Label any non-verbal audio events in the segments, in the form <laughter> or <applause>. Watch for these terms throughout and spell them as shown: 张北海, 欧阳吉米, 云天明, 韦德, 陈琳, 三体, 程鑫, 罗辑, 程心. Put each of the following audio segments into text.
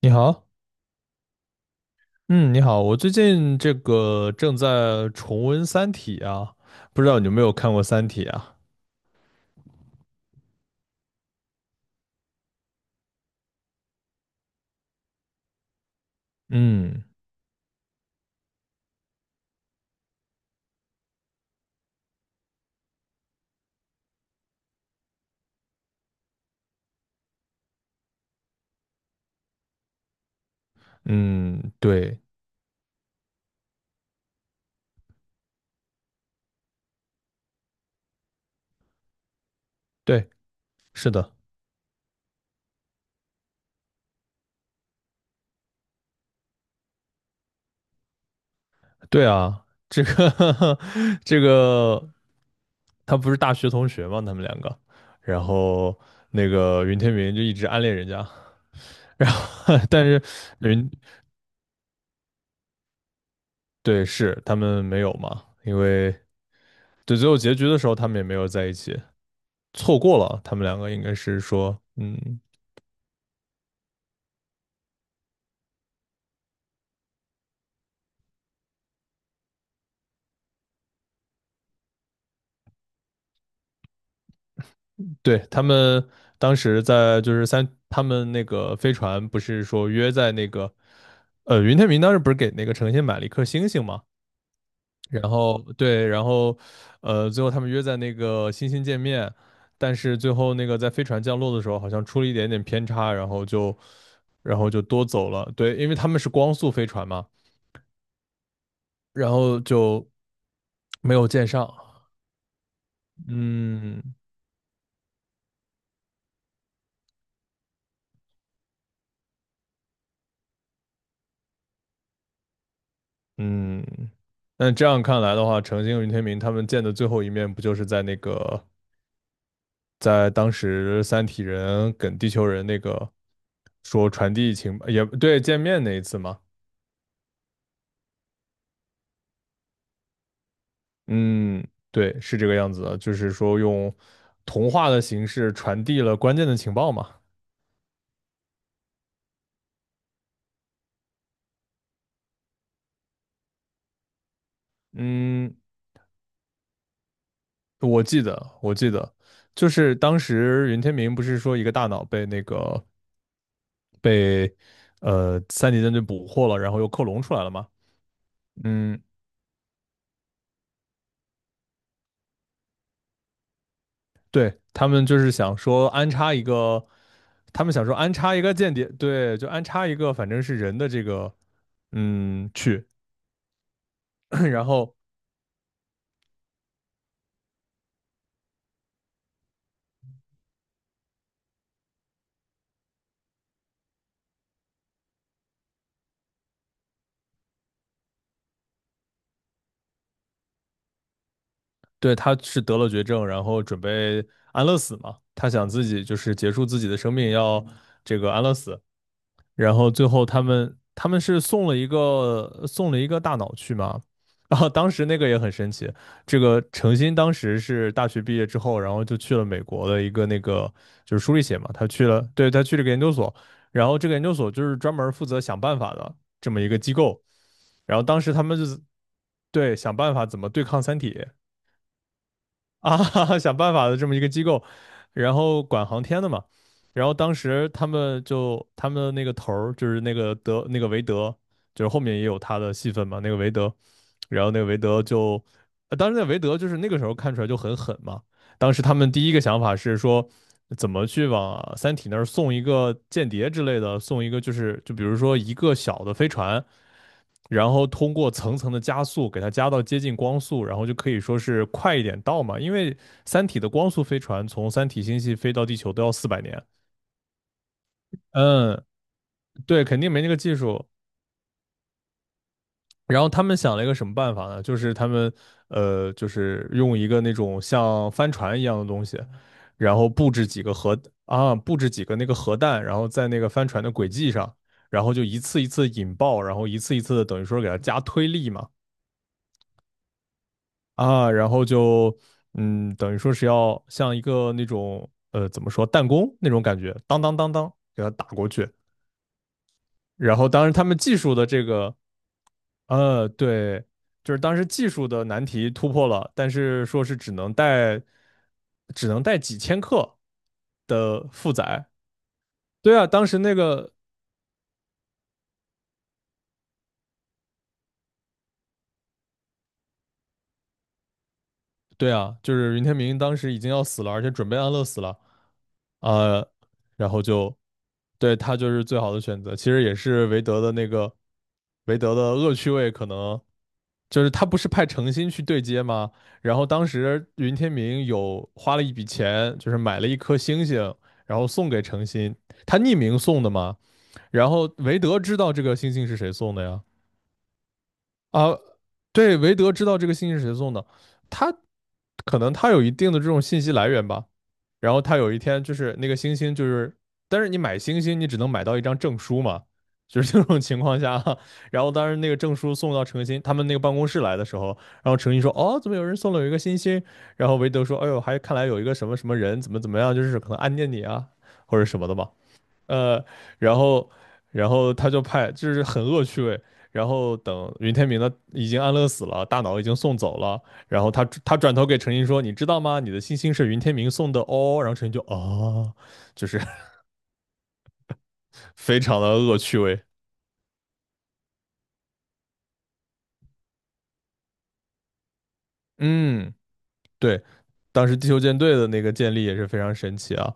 你好，嗯，你好，我最近这个正在重温《三体》啊，不知道你有没有看过《三体》啊？嗯嗯，对对，是的，对啊，这个 <laughs> 这个，他不是大学同学吗？他们两个，然后那个云天明就一直暗恋人家，然后 <laughs> 但是云，对，是他们没有嘛，因为对最后结局的时候他们也没有在一起，错过了，他们两个应该是说，嗯。对，他们当时在就是他们那个飞船不是说约在那个，云天明当时不是给那个程心买了一颗星星嘛，然后对，然后最后他们约在那个星星见面，但是最后那个在飞船降落的时候好像出了一点点偏差，然后就多走了，对，因为他们是光速飞船嘛，然后就没有见上，嗯嗯。那这样看来的话，程心和云天明他们见的最后一面，不就是在当时三体人跟地球人那个说传递情也对见面那一次吗？嗯，对，是这个样子的，就是说用童话的形式传递了关键的情报嘛。嗯，我记得，就是当时云天明不是说一个大脑被那个被呃三级舰队捕获了，然后又克隆出来了吗？嗯，对，他们想说安插一个间谍，对，就安插一个反正是人的这个，去，<clears throat> 然后对他是得了绝症，然后准备安乐死嘛，他想自己就是结束自己的生命，要这个安乐死，然后最后他们是送了一个大脑去嘛，然后当时那个也很神奇，这个程鑫当时是大学毕业之后，然后就去了美国的一个那个就是书里写嘛，他去了，对，他去了个研究所，然后这个研究所就是专门负责想办法的这么一个机构，然后当时他们就是对想办法怎么对抗三体，啊，<laughs> 想办法的这么一个机构，然后管航天的嘛。然后当时他们的那个头儿就是那个德那个韦德，就是后面也有他的戏份嘛，那个韦德。然后那个韦德就，呃当时那个韦德就是那个时候看出来就很狠嘛。当时他们第一个想法是说，怎么去往《三体》那儿送一个间谍之类的，送一个就是比如说一个小的飞船，然后通过层层的加速给它加到接近光速，然后就可以说是快一点到嘛。因为《三体》的光速飞船从三体星系飞到地球都要四百年，嗯，对，肯定没那个技术。然后他们想了一个什么办法呢？就是用一个那种像帆船一样的东西，然后布置几个那个核弹，然后在那个帆船的轨迹上，然后就一次一次引爆，然后一次一次的等于说给它加推力嘛啊，然后就等于说是要像一个那种怎么说弹弓那种感觉，当当当当给它打过去。然后当然他们技术的这个呃，对，就是当时技术的难题突破了，但是说是只能带几千克的负载。对啊，当时那个，对啊，就是云天明当时已经要死了，而且准备安乐死了，呃，然后就对他就是最好的选择。其实也是韦德的恶趣味，可能就是他不是派程心去对接吗？然后当时云天明有花了一笔钱，就是买了一颗星星，然后送给程心，他匿名送的嘛。然后韦德知道这个星星是谁送的呀？啊，对，韦德知道这个星星是谁送的，他可能他有一定的这种信息来源吧。然后他有一天就是那个星星，但是你买星星，你只能买到一张证书嘛，就是这种情况下啊然后当时那个证书送到程鑫他们那个办公室来的时候，然后程鑫说：“哦，怎么有人送了有一个星星？”然后韦德说：“哎呦，还看来有一个什么什么人怎么怎么样，就是可能暗恋你啊，或者什么的吧。”呃，然后然后他就派，就是很恶趣味。然后等云天明的已经安乐死了，大脑已经送走了。然后他转头给陈琳说：“你知道吗？你的星星是云天明送的哦。”然后陈琳就啊，就是 <laughs> 非常的恶趣味。嗯，对，当时地球舰队的那个建立也是非常神奇啊。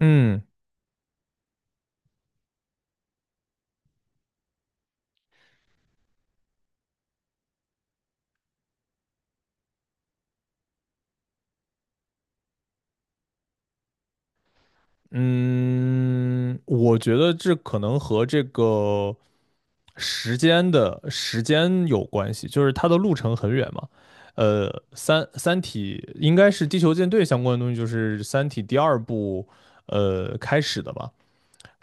嗯嗯，我觉得这可能和这个。时间有关系，就是它的路程很远嘛。三体应该是地球舰队相关的东西，就是三体第二部开始的吧。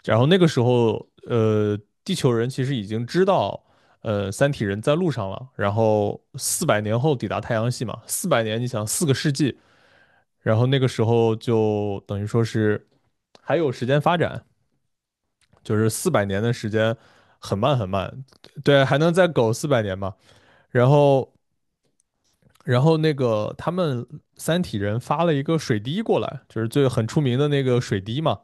然后那个时候，地球人其实已经知道，三体人在路上了。然后四百年后抵达太阳系嘛，四百年，你想4个世纪。然后那个时候就等于说是还有时间发展，就是四百年的时间很慢很慢，对，还能再苟四百年嘛。然后，那个他们三体人发了一个水滴过来，就是很出名的那个水滴嘛。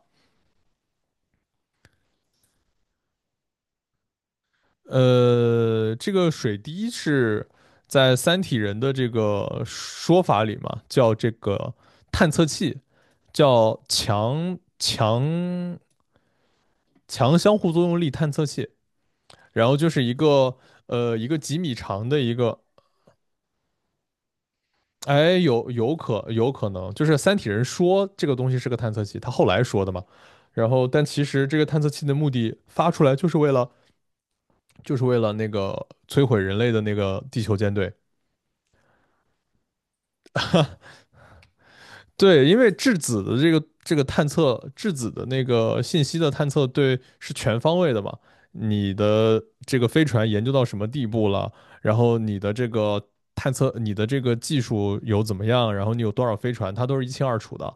这个水滴是在三体人的这个说法里嘛，叫这个探测器，叫强相互作用力探测器。然后就是一个几米长的一个哎，有有可有可能，就是三体人说这个东西是个探测器，他后来说的嘛。然后，但其实这个探测器的目的发出来就是为了，那个摧毁人类的那个地球舰队。对，因为质子的这个探测，质子的那个信息的探测，对，是全方位的嘛。你的这个飞船研究到什么地步了？然后你的这个探测，你的这个技术有怎么样？然后你有多少飞船，它都是一清二楚的。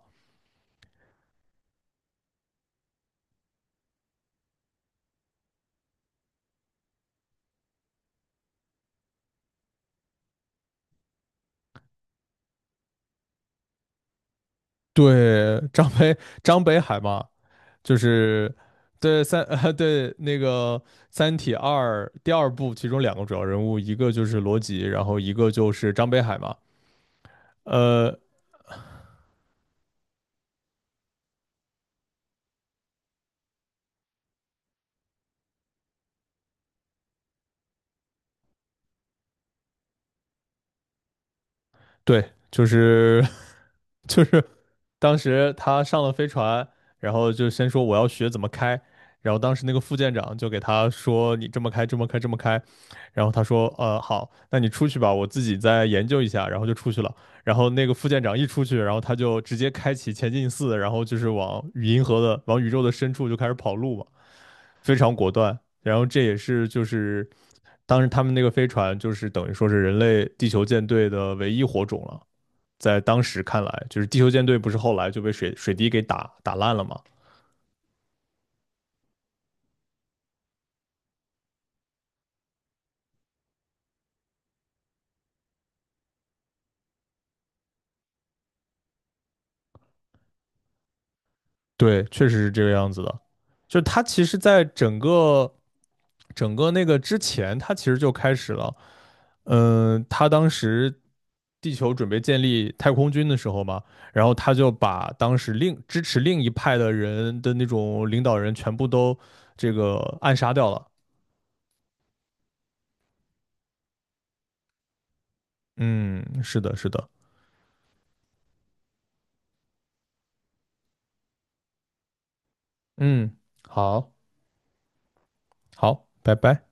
对，张北海嘛，就是对<laughs> 对那个《三体二》第二部，其中两个主要人物，一个就是罗辑，然后一个就是张北海嘛。呃，对，<laughs> 就是当时他上了飞船，然后就先说我要学怎么开，然后当时那个副舰长就给他说你这么开，这么开，这么开，然后他说好，那你出去吧，我自己再研究一下，然后就出去了。然后那个副舰长一出去，然后他就直接开启前进四，然后就是往与银河的往宇宙的深处就开始跑路嘛，非常果断。然后这也是就是当时他们那个飞船就是等于说是人类地球舰队的唯一火种了。在当时看来，就是地球舰队不是后来就被水滴给打烂了吗？对，确实是这个样子的。就是它其实，在整个那个之前，他其实就开始了。他当时地球准备建立太空军的时候嘛，然后他就把当时支持另一派的人的那种领导人全部都这个暗杀掉了。嗯，是的，是的。嗯，好，好，拜拜。